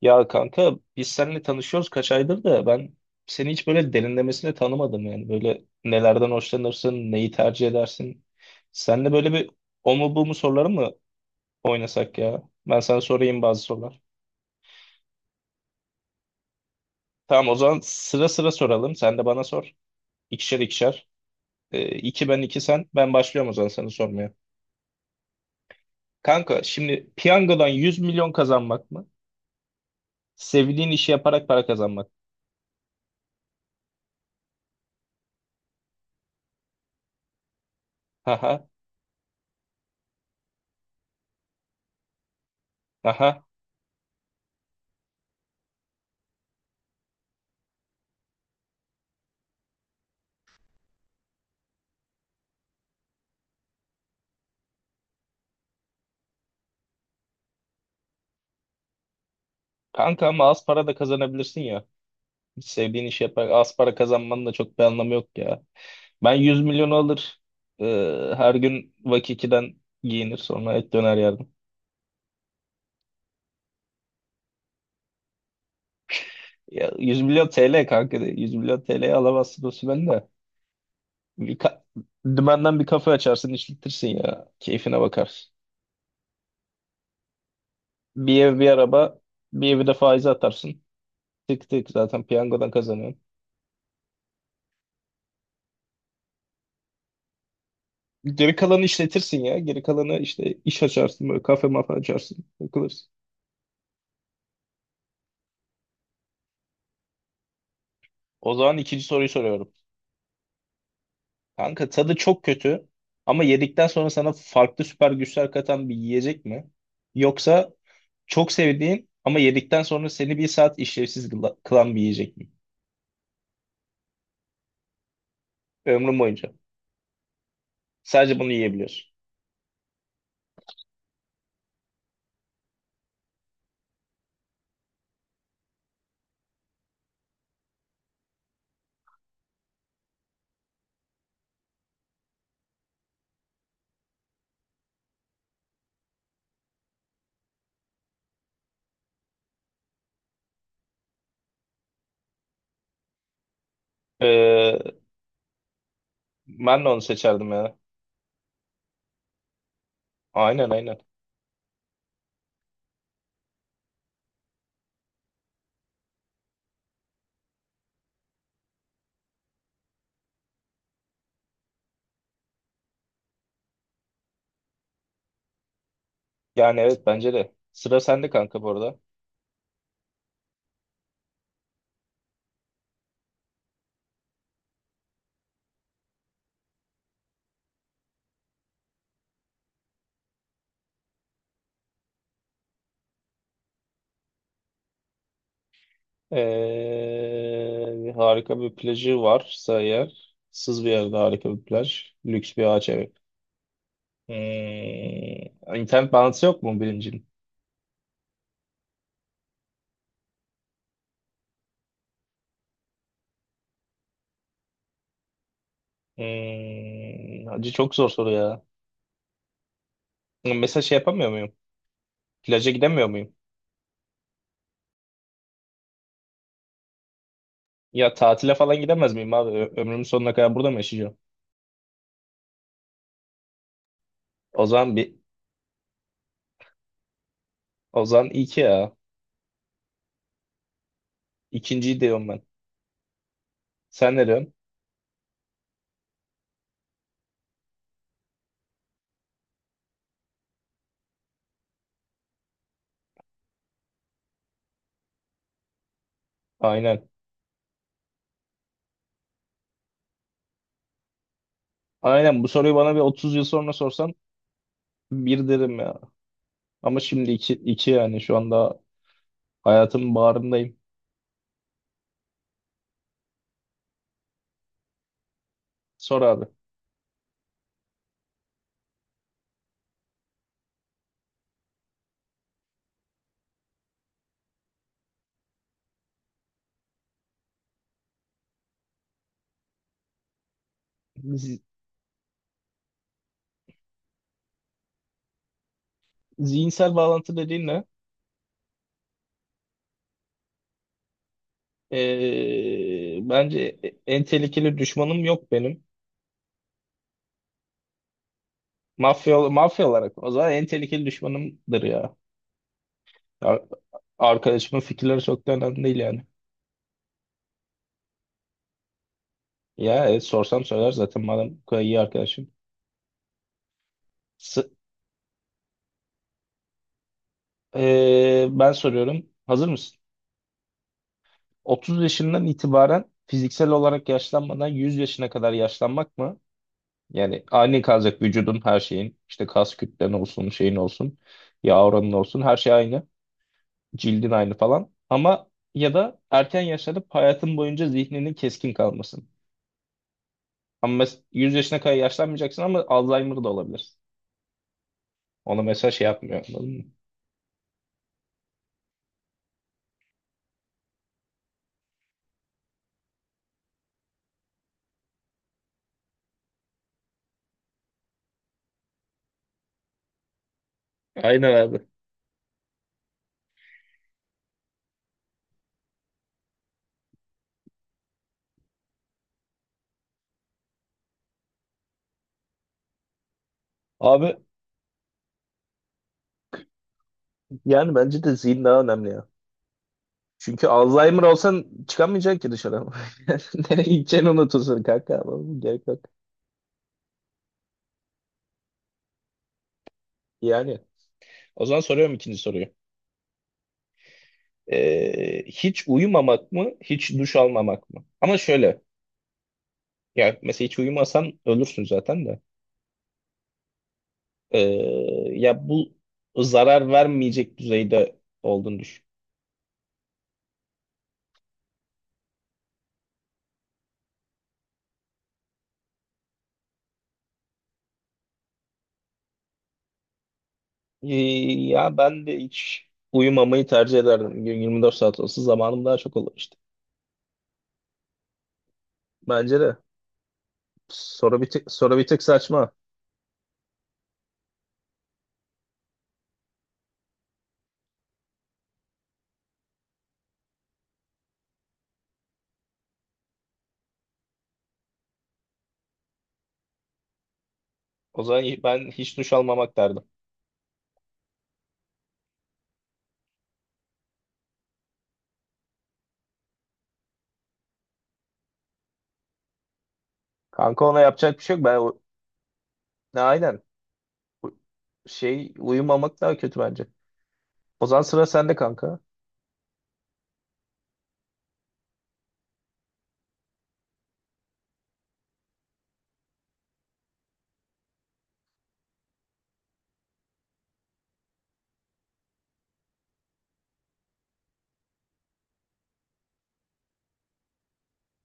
Ya kanka biz seninle tanışıyoruz kaç aydır da ben seni hiç böyle derinlemesine tanımadım yani. Böyle nelerden hoşlanırsın, neyi tercih edersin? Seninle böyle bir o mu bu mu soruları mı oynasak ya? Ben sana sorayım bazı sorular. Tamam, o zaman sıra sıra soralım. Sen de bana sor. İkişer ikişer. İki ben iki sen. Ben başlıyorum o zaman sana sormaya. Kanka şimdi piyangodan 100 milyon kazanmak mı? Sevdiğin işi yaparak para kazanmak. Aha, aha. Kanka ama az para da kazanabilirsin ya. Hiç sevdiğin iş yapar. Az para kazanmanın da çok bir anlamı yok ya. Ben 100 milyonu alır. e, Her gün Vakiki'den giyinir sonra et döner yerdim. Ya, 100 milyon TL kanka. De. 100 milyon TL'ye alamazsın o sümen de. Bir ka- Dümenden bir kafe açarsın işletirsin ya. Keyfine bakarsın. Bir ev bir araba. Bir evi de faize atarsın. Tık tık zaten piyangodan kazanıyorsun. Geri kalanı işletirsin ya. Geri kalanı işte iş açarsın böyle kafe mafa açarsın. Takılırsın. O zaman ikinci soruyu soruyorum. Kanka tadı çok kötü ama yedikten sonra sana farklı süper güçler katan bir yiyecek mi? Yoksa çok sevdiğin ama yedikten sonra seni bir saat işlevsiz kılan bir yiyecek mi? Ömrün boyunca. Sadece bunu yiyebiliyorsun. Ee, Ben de onu seçerdim ya. Aynen, aynen. Yani evet, bence de. Sıra sende kanka bu arada. Harika bir plajı varsa eğer, sız bir yerde harika bir plaj, lüks bir ağaç evi. Hmm, internet bağlantısı yok mu birincinin? Hmm, hacı çok zor soru ya. Hmm, mesela şey yapamıyor muyum? Plaja gidemiyor muyum? Ya tatile falan gidemez miyim abi? Ömrümün sonuna kadar burada mı yaşayacağım? O zaman bir, o zaman iki ya. İkinciyi diyorum ben. Sen ne diyorsun? Aynen. Aynen bu soruyu bana bir 30 yıl sonra sorsan bir derim ya. Ama şimdi iki yani şu anda hayatımın bağrındayım. Sor abi. Z- Zihinsel bağlantı dediğin ne? Bence en tehlikeli düşmanım yok benim. Mafya olarak o zaman en tehlikeli düşmanımdır ya. Ar- Arkadaşımın fikirleri çok da önemli değil yani. Ya sorsam söyler zaten madem bu kadar iyi arkadaşım. S- Ben soruyorum. Hazır mısın? 30 yaşından itibaren fiziksel olarak yaşlanmadan 100 yaşına kadar yaşlanmak mı? Yani aynı kalacak vücudun her şeyin. İşte kas kütlen olsun, şeyin olsun, yağ oranın olsun. Her şey aynı. Cildin aynı falan. Ama ya da erken yaşlanıp hayatın boyunca zihninin keskin kalmasın. Ama 100 yaşına kadar yaşlanmayacaksın ama Alzheimer da olabilirsin. Ona mesela şey yapmıyor. Anladın mı? Aynen abi. Abi yani bence de zihin daha önemli ya. Çünkü Alzheimer olsan çıkamayacaksın ki dışarı. Nereye gideceğini unutursun kanka. Ama bu gerek yok. Yani o zaman soruyorum ikinci soruyu. Hiç uyumamak mı, hiç duş almamak mı? Ama şöyle, ya mesela hiç uyumasan ölürsün zaten de. Ee, ya bu zarar vermeyecek düzeyde olduğunu düşün. Ee, Ya ben de hiç uyumamayı tercih ederdim. Gün 24 saat olsa zamanım daha çok olur işte. Bence de. Soru bir tık saçma. O zaman ben hiç duş almamak derdim. Kanka ona yapacak bir şey yok. Ne aynen. Bu şey uyumamak daha kötü bence. O zaman sıra sende kanka.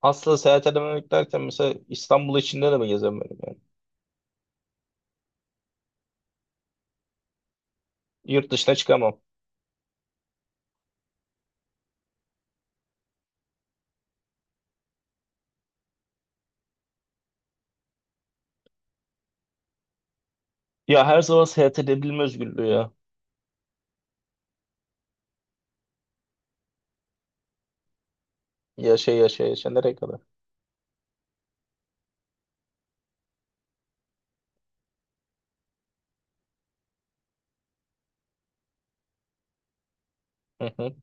Aslında seyahat edememek derken mesela İstanbul içinde de mi gezemiyorum yani? Yurt dışına çıkamam. Ya her zaman seyahat edebilme özgürlüğü ya. Yaşa yaşa yaşa nereye kadar? Hı hı.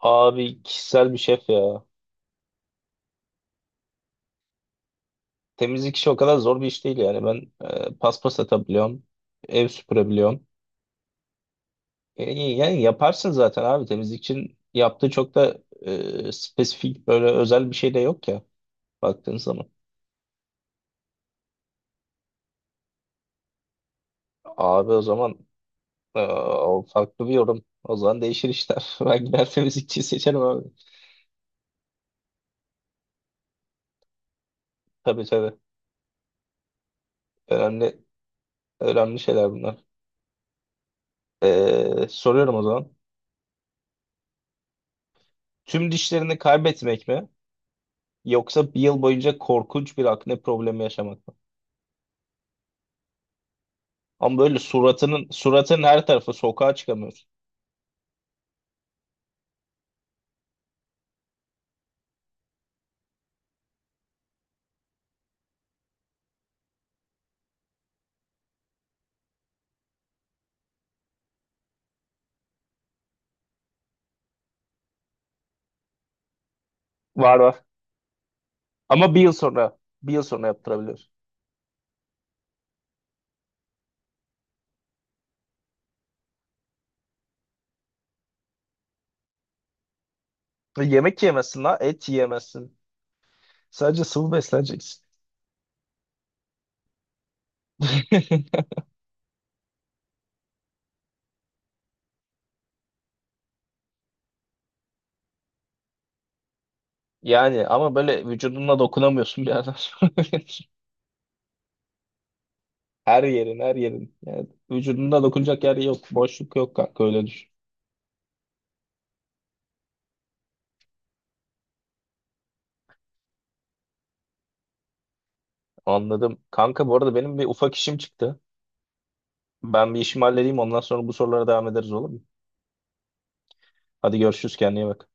Abi kişisel bir şef ya. Temizlik işi o kadar zor bir iş değil yani. Ben paspas atabiliyorum. Ev süpürebiliyorum. Yani yaparsın zaten abi, temizlikçinin yaptığı çok da spesifik böyle özel bir şey de yok ya baktığın zaman. Abi o zaman e, o farklı bir yorum. O zaman değişir işler. Ben gider temizlikçiyi seçerim abi. Tabii, tabii. Önemli, önemli şeyler bunlar. Soruyorum o zaman. Tüm dişlerini kaybetmek mi? Yoksa bir yıl boyunca korkunç bir akne problemi yaşamak mı? Ama böyle suratın her tarafı, sokağa çıkamıyorsun. Var, var. Ama bir yıl sonra yaptırabiliyorsun. Yemek yemezsin ha, et yiyemezsin. Sadece sıvı besleneceksin. Yani ama böyle vücuduna dokunamıyorsun bir yerden sonra. Her yerin, her yerin. Yani vücudunda dokunacak yer yok. Boşluk yok kanka, öyle düşün. Anladım. Kanka bu arada benim bir ufak işim çıktı. Ben bir işimi halledeyim, ondan sonra bu sorulara devam ederiz, olur mu? Hadi görüşürüz, kendine iyi bak.